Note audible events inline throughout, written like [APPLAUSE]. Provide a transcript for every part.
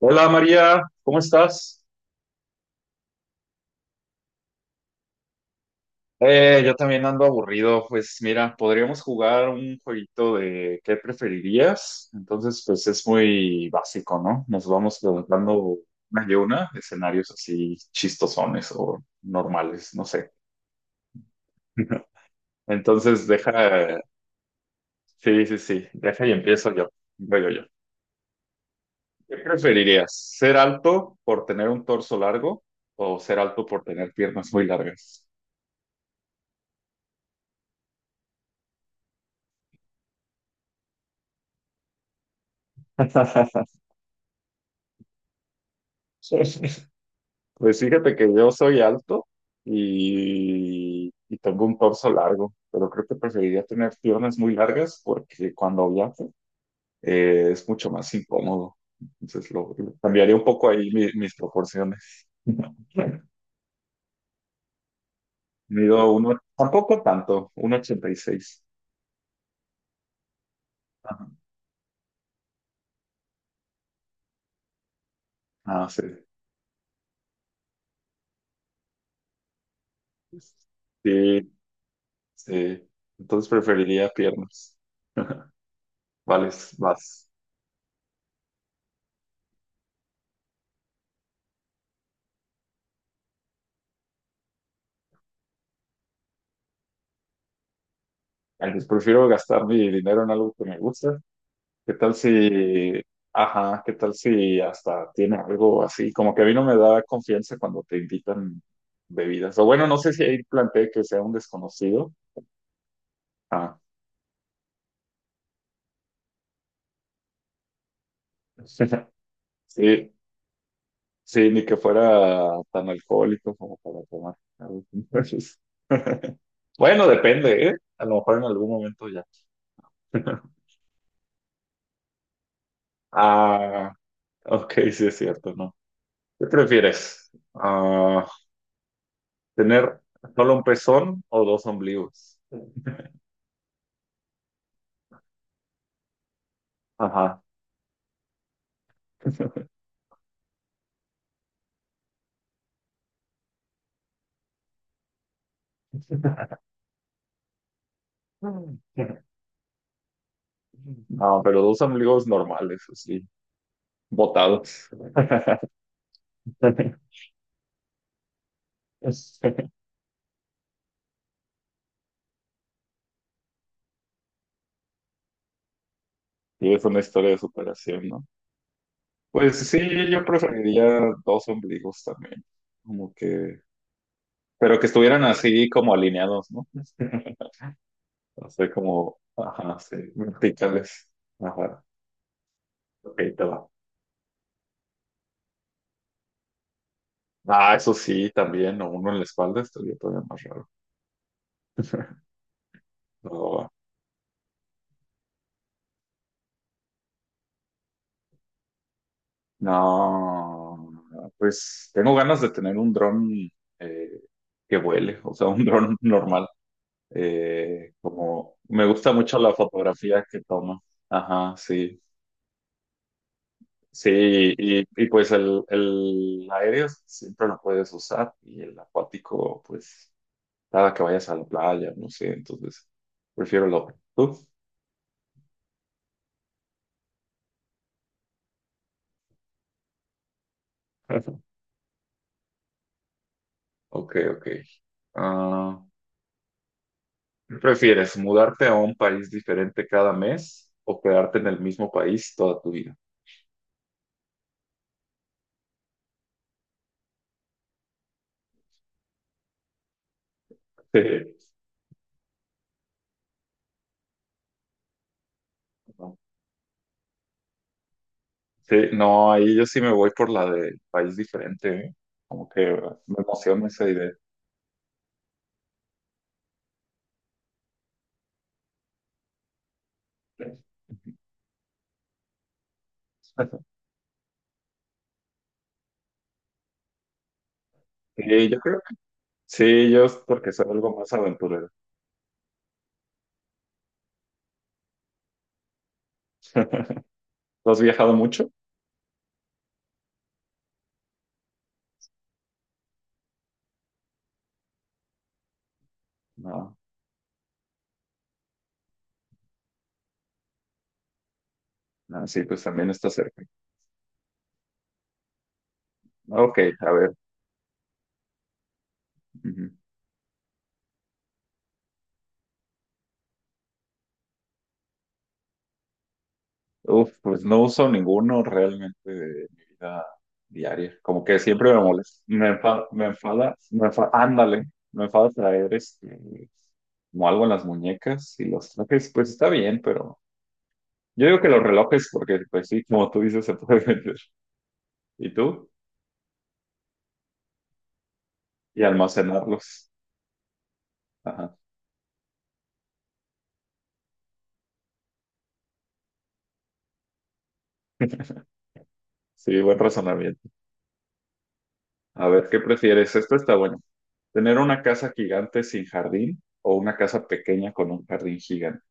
Hola María, ¿cómo estás? Yo también ando aburrido. Pues mira, podríamos jugar un jueguito de ¿qué preferirías? Entonces, pues es muy básico, ¿no? Nos vamos preguntando una y una, escenarios así chistosones o normales, no sé. [LAUGHS] Entonces, deja, sí, sí, sí, deja y empiezo yo. Yo, yo, yo. ¿Qué preferirías? ¿Ser alto por tener un torso largo o ser alto por tener piernas muy largas? [LAUGHS] Pues fíjate que yo soy alto y tengo un torso largo, pero creo que preferiría tener piernas muy largas porque cuando viajo es mucho más incómodo. Entonces lo cambiaría un poco ahí mis proporciones. [LAUGHS] Mido uno, tampoco tanto, 1,86. Ajá. Ah, sí. Sí, sí. Entonces preferiría piernas. Vale, vas. Entonces prefiero gastar mi dinero en algo que me gusta. ¿Qué tal si, ajá, qué tal si hasta tiene algo así? Como que a mí no me da confianza cuando te invitan bebidas. O bueno, no sé si ahí planteé que sea un desconocido. Ah, [LAUGHS] sí, sí, ni que fuera tan alcohólico como para tomar algo. Entonces, [LAUGHS] bueno, depende, ¿eh? A lo mejor en algún momento ya. [LAUGHS] Ah, ok, sí es cierto, ¿no? ¿Qué prefieres? Ah, ¿tener solo un pezón o dos ombligos? Ajá. [LAUGHS] No, pero dos amigos normales, así, botados. [LAUGHS] Y es una historia de superación, ¿no? Pues sí, yo preferiría dos ombligos también, como que, pero que estuvieran así como alineados, ¿no? [LAUGHS] No sé, como, ajá, sí, verticales. Ajá, ok, te va. Ah, eso sí, también, o uno en la espalda estaría todavía más raro. [LAUGHS] No, va. No, no, pues tengo ganas de tener un dron eh, que vuele, o sea, un dron [LAUGHS] normal. Como me gusta mucho la fotografía que toma. Ajá, sí. Sí, y pues el aéreo siempre lo puedes usar y el acuático, pues cada que vayas a la playa, no sé, entonces prefiero lo otro. ¿Tú? [LAUGHS] Ok, ok. Ah, ¿Qué ¿Prefieres mudarte a un país diferente cada mes o quedarte en el mismo país toda tu vida? Sí, no, sí, no, ahí yo sí me voy por la del país diferente, ¿eh? Como que me emociona esa idea. [LAUGHS] Sí, yo creo que sí, yo es porque soy algo más aventurero. [LAUGHS] ¿Tú has viajado mucho? No, no, sí, pues también está cerca. Ok, a ver. Ujú. Uf, pues no uso ninguno realmente de mi vida diaria. Como que siempre me molesta. Me enfada, me enfada, me enfada, ándale, me enfada traer este, como algo en las muñecas y los trajes, pues está bien, pero yo digo que los relojes, porque pues sí, como tú dices, se puede [LAUGHS] vender. ¿Y tú? Y almacenarlos. Ajá. Sí, buen razonamiento. A ver, ¿qué prefieres? Esto está bueno. ¿Tener una casa gigante sin jardín o una casa pequeña con un jardín gigante?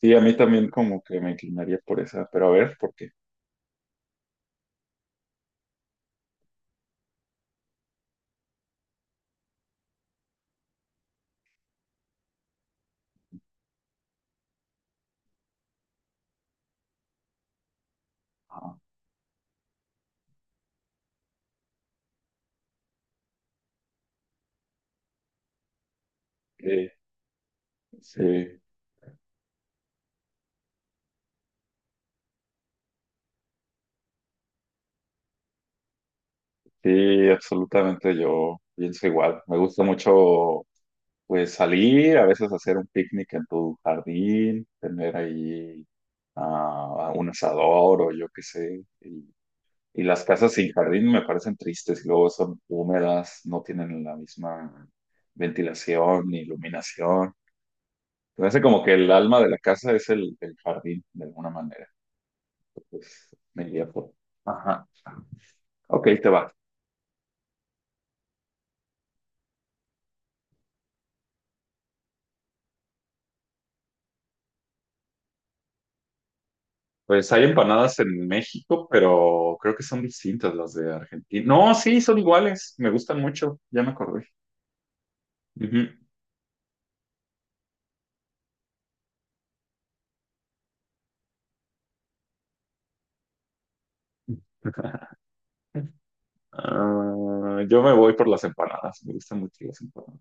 Sí, a mí también como que me inclinaría por esa, pero a ver, ¿por qué? Ah, sí, sí, sí, absolutamente yo pienso igual. Me gusta mucho pues salir, a veces hacer un picnic en tu jardín, tener ahí ah, un asador o yo qué sé. Y las casas sin jardín me parecen tristes, y luego son húmedas, no tienen la misma ventilación ni iluminación. Me parece como que el alma de la casa es el jardín, de alguna manera. Pues me iría por. Ajá. Ok, te va. Pues hay empanadas en México, pero creo que son distintas las de Argentina. No, sí, son iguales. Me gustan mucho. Ya me acordé. Ujú. [LAUGHS] Ah, yo me voy por las empanadas. Me gustan mucho las empanadas.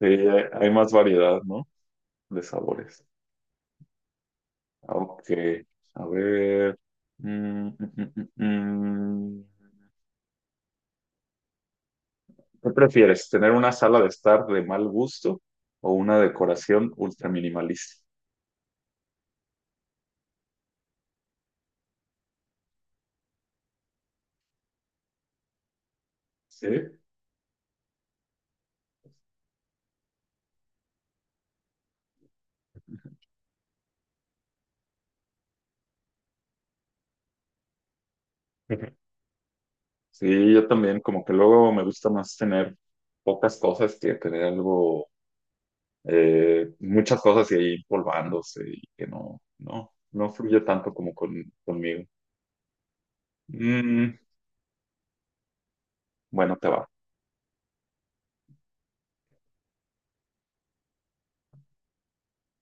Sí, hay más variedad, ¿no? De sabores. Ok. A ver. Mm, mm, mm, mm, mm. ¿Qué prefieres? ¿Tener una sala de estar de mal gusto o una decoración ultra minimalista? Sí. Ujú. Sí, yo también, como que luego me gusta más tener pocas cosas que tener algo, muchas cosas y ahí polvándose y que no, no, no fluye tanto como conmigo. Mm, bueno, te va.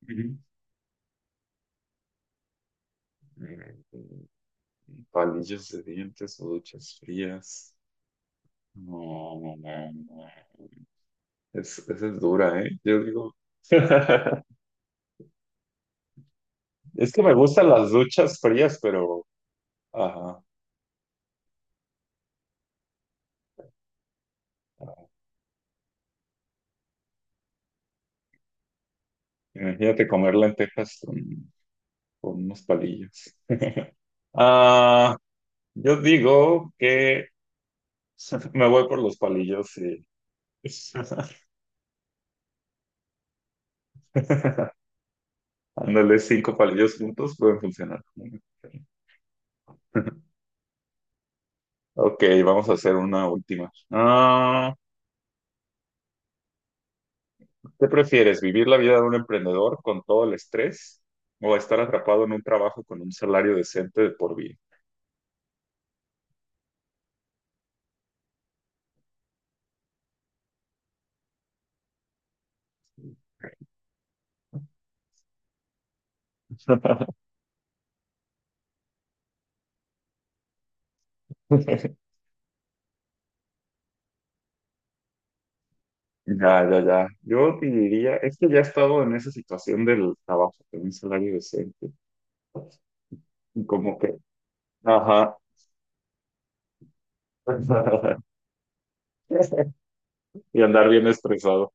Ujú. Mm, palillos de dientes o duchas frías. No, no, no, no. Esa es dura, ¿eh? Yo digo, [LAUGHS] es que me gustan las duchas frías, pero, ajá, imagínate comer lentejas con unos palillos. Ah, yo digo que [LAUGHS] me voy por los palillos y... [LAUGHS] Ándale, cinco palillos juntos pueden funcionar. [LAUGHS] Ok, vamos a hacer una última. Ah, ¿qué prefieres, vivir la vida de un emprendedor con todo el estrés o estar atrapado en un trabajo con un salario decente de por vida? [LAUGHS] Ya, ya, ya. Yo diría, es que ya he estado en esa situación del trabajo con un salario decente. Y como que, ajá. [LAUGHS] Y andar bien estresado.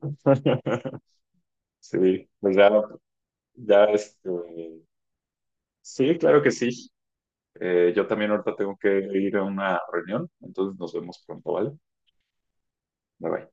[LAUGHS] Sí, pues ya, ya este, sí, claro que sí. Yo también ahorita tengo que ir a una reunión, entonces nos vemos pronto, ¿vale? Bye bye.